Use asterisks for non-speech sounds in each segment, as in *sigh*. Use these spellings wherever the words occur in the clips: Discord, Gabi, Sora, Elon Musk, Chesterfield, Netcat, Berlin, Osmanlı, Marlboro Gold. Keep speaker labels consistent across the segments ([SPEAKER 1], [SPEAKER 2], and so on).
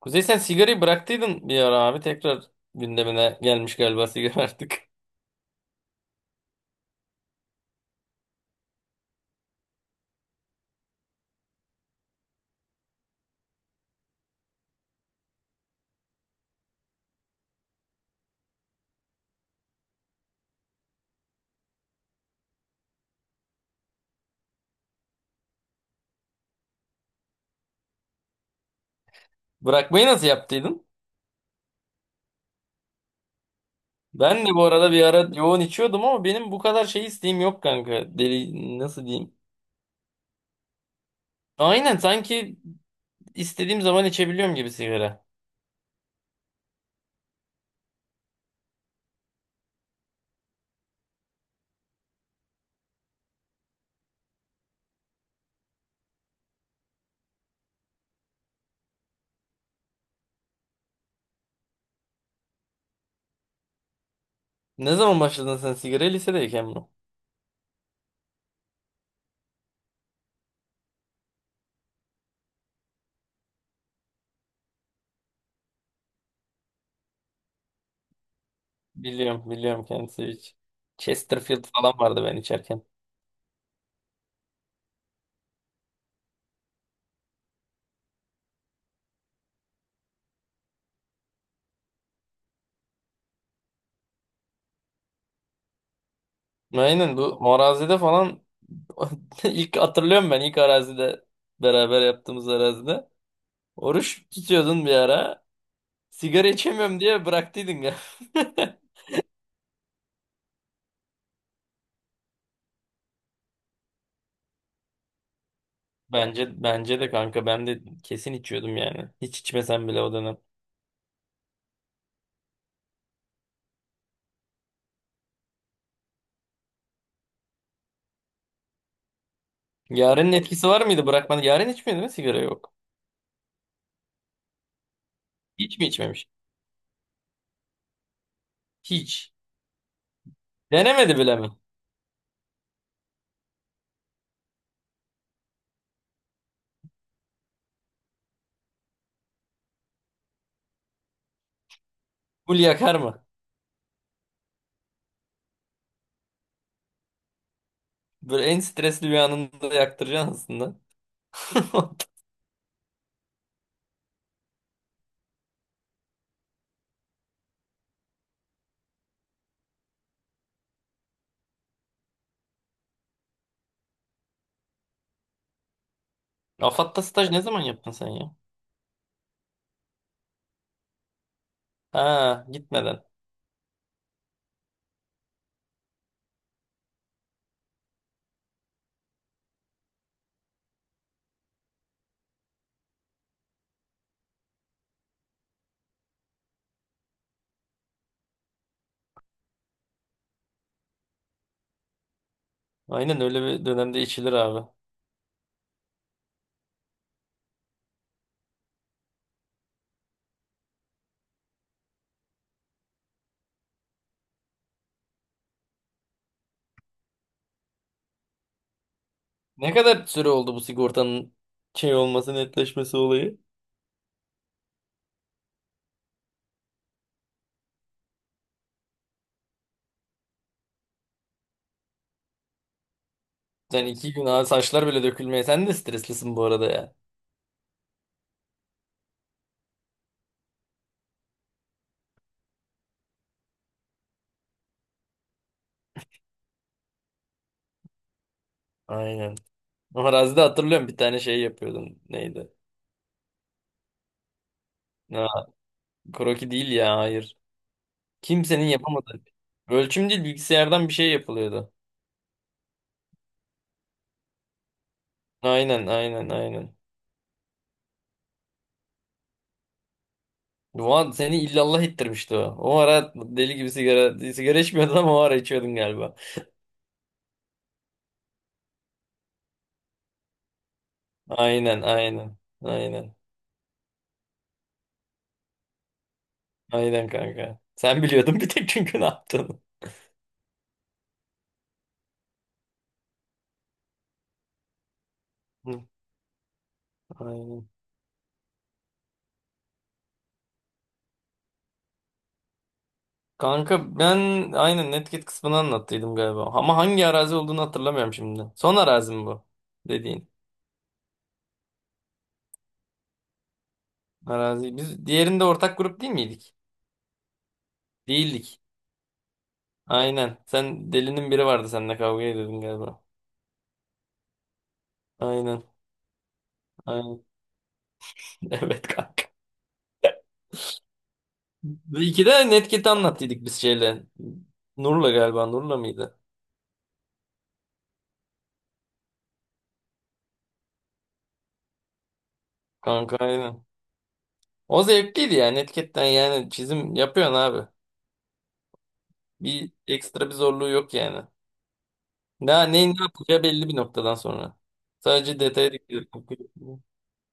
[SPEAKER 1] Kuzey, sen sigarayı bıraktıydın bir ara abi. Tekrar gündemine gelmiş galiba sigara artık. *laughs* Bırakmayı nasıl yaptıydın? Ben de bu arada bir ara yoğun içiyordum ama benim bu kadar şey isteğim yok kanka. Deli nasıl diyeyim? Aynen, sanki istediğim zaman içebiliyorum gibi sigara. Ne zaman başladın sen sigara? Lisedeyken mi? Biliyorum biliyorum, kendisi hiç. Chesterfield falan vardı ben içerken. Aynen, bu arazide falan *laughs* ilk hatırlıyorum, ben ilk arazide, beraber yaptığımız arazide. Oruç tutuyordun bir ara. Sigara içemiyorum diye bıraktıydın ya. *laughs* Bence de kanka, ben de kesin içiyordum yani. Hiç içmesem bile o dönem. Yaren'in etkisi var mıydı bırakmadı? Yaren içmiyor değil mi sigara, yok. Hiç mi içmemiş? Hiç. Denemedi bile mi? Full yakar mı? Böyle en stresli bir anında yaktıracaksın aslında. *laughs* Afat'ta staj ne zaman yaptın sen ya? Ha, gitmeden. Aynen, öyle bir dönemde içilir abi. Ne kadar süre oldu bu sigortanın şey olması, netleşmesi olayı? Sen iki gün abi, saçlar bile dökülmeye. Sen de streslisin bu arada ya. Aynen. O arazide hatırlıyorum, bir tane şey yapıyordum. Neydi? Ha, kroki değil ya, hayır. Kimsenin yapamadığı. Ölçüm değil, bilgisayardan bir şey yapılıyordu. Aynen aynen aynen. Ulan seni illallah ettirmişti o. O ara deli gibi sigara içmiyordun ama o ara içiyordun galiba. Aynen aynen. Aynen. Aynen kanka. Sen biliyordun bir tek, çünkü ne yaptın. Hı, aynen. Kanka, ben aynen Netcat kısmını anlattıydım galiba. Ama hangi arazi olduğunu hatırlamıyorum şimdi. Son arazi mi bu dediğin? Arazi. Biz diğerinde ortak grup değil miydik? Değildik. Aynen. Sen, delinin biri vardı seninle, kavga ediyordun galiba. Aynen. Aynen. *laughs* Evet kanka. İki de Netcat'i anlattıydık biz şeyle. Nur'la galiba. Nur'la mıydı? Kanka, aynen. O zevkliydi yani. Netcat'ten yani çizim yapıyorsun abi. Bir ekstra bir zorluğu yok yani. Ne yapacağı belli bir noktadan sonra. Sadece detaya dikkat etmek.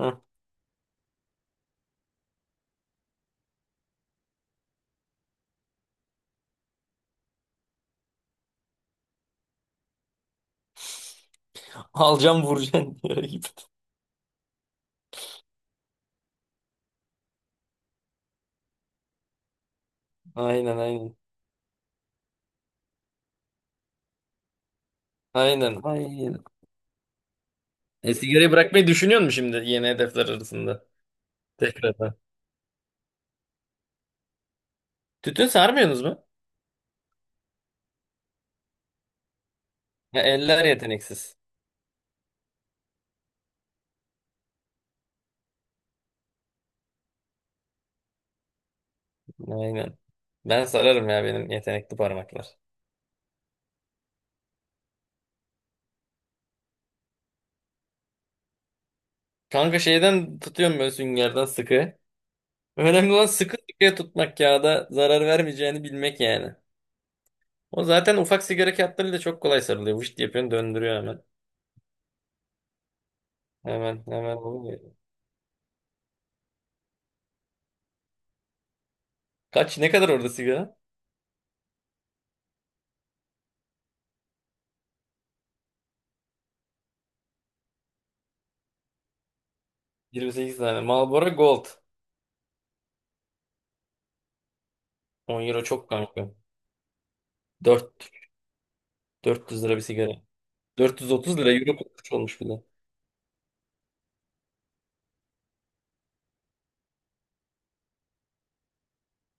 [SPEAKER 1] Hı. Alacağım vuracağım *laughs* diyor gibi. Aynen aynen. Aynen. Aynen. E, sigarayı bırakmayı düşünüyor musun şimdi, yeni hedefler arasında? Tekrardan. Tütün sarmıyorsunuz mu? Ya, eller yeteneksiz. Aynen. Ben sararım ya, benim yetenekli parmaklar. Kanka, şeyden tutuyorum böyle, süngerden sıkı. Önemli olan sıkı sıkıya tutmak, kağıda zarar vermeyeceğini bilmek yani. O zaten ufak sigara kağıtlarıyla çok kolay sarılıyor. Vışt yapıyorsun, döndürüyor hemen. Hemen hemen oluyor. Kaç, ne kadar orada sigara? 28 tane. Marlboro Gold. 10 euro çok kanka. 4 400 lira bir sigara. 430 lira, euro kurmuş olmuş bir de.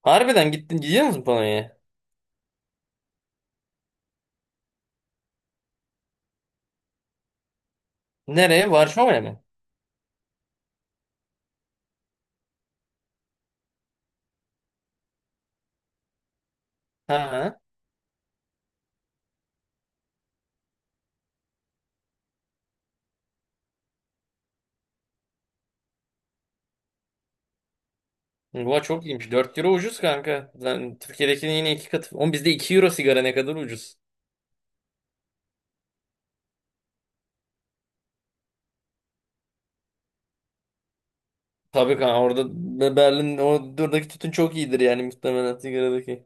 [SPEAKER 1] Harbiden gittin, gidiyor musun Polonya'ya? Nereye? Varşova'ya mı? Ha. Bu çok iyiymiş. 4 euro ucuz kanka. Yani Türkiye'dekinin yine iki katı. Oğlum, bizde 2 euro sigara, ne kadar ucuz. Tabii kanka, orada Berlin, oradaki tütün çok iyidir yani, muhtemelen sigaradaki.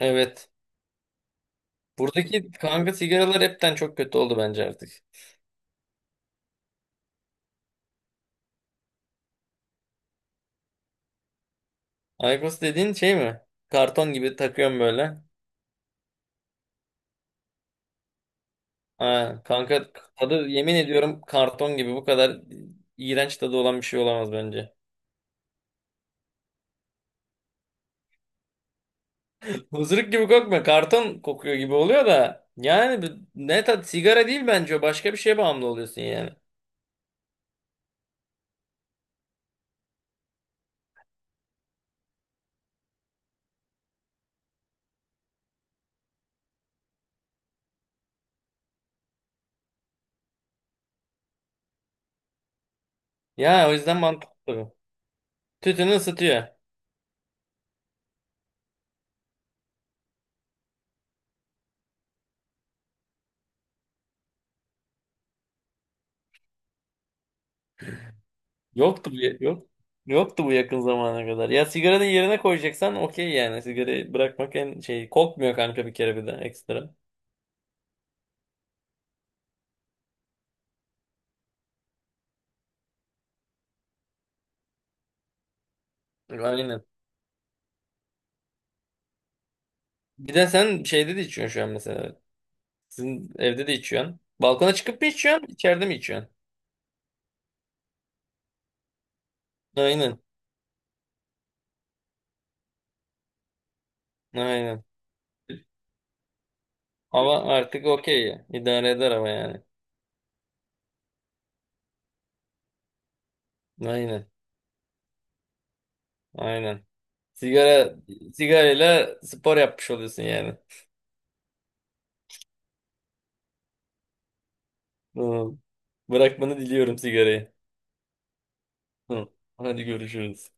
[SPEAKER 1] Evet. Buradaki kanka sigaralar hepten çok kötü oldu bence artık. Aykos dediğin şey mi? Karton gibi takıyorum böyle. Ha, kanka tadı, yemin ediyorum karton gibi, bu kadar iğrenç tadı olan bir şey olamaz bence. Hızırık gibi kokmuyor. Karton kokuyor gibi oluyor da. Yani ne tat, sigara değil bence o. Başka bir şeye bağımlı oluyorsun yani. Ya, o yüzden mantıklı. Tütünü ısıtıyor. Yoktu bu, yok. Yoktu bu yakın zamana kadar. Ya, sigaranın yerine koyacaksan okey yani. Sigarayı bırakmak en şey, kokmuyor kanka bir kere, bir de ekstra. Aynen. Bir de sen şeyde de içiyorsun şu an mesela. Sizin evde de içiyorsun. Balkona çıkıp mı içiyorsun? İçeride mi içiyorsun? Aynen. Aynen. Hava artık okey ya. İdare eder ama yani. Aynen. Aynen. Sigara Sigarayla spor yapmış oluyorsun yani. Hı. Bırakmanı diliyorum sigarayı. Hı. Hadi görüşürüz.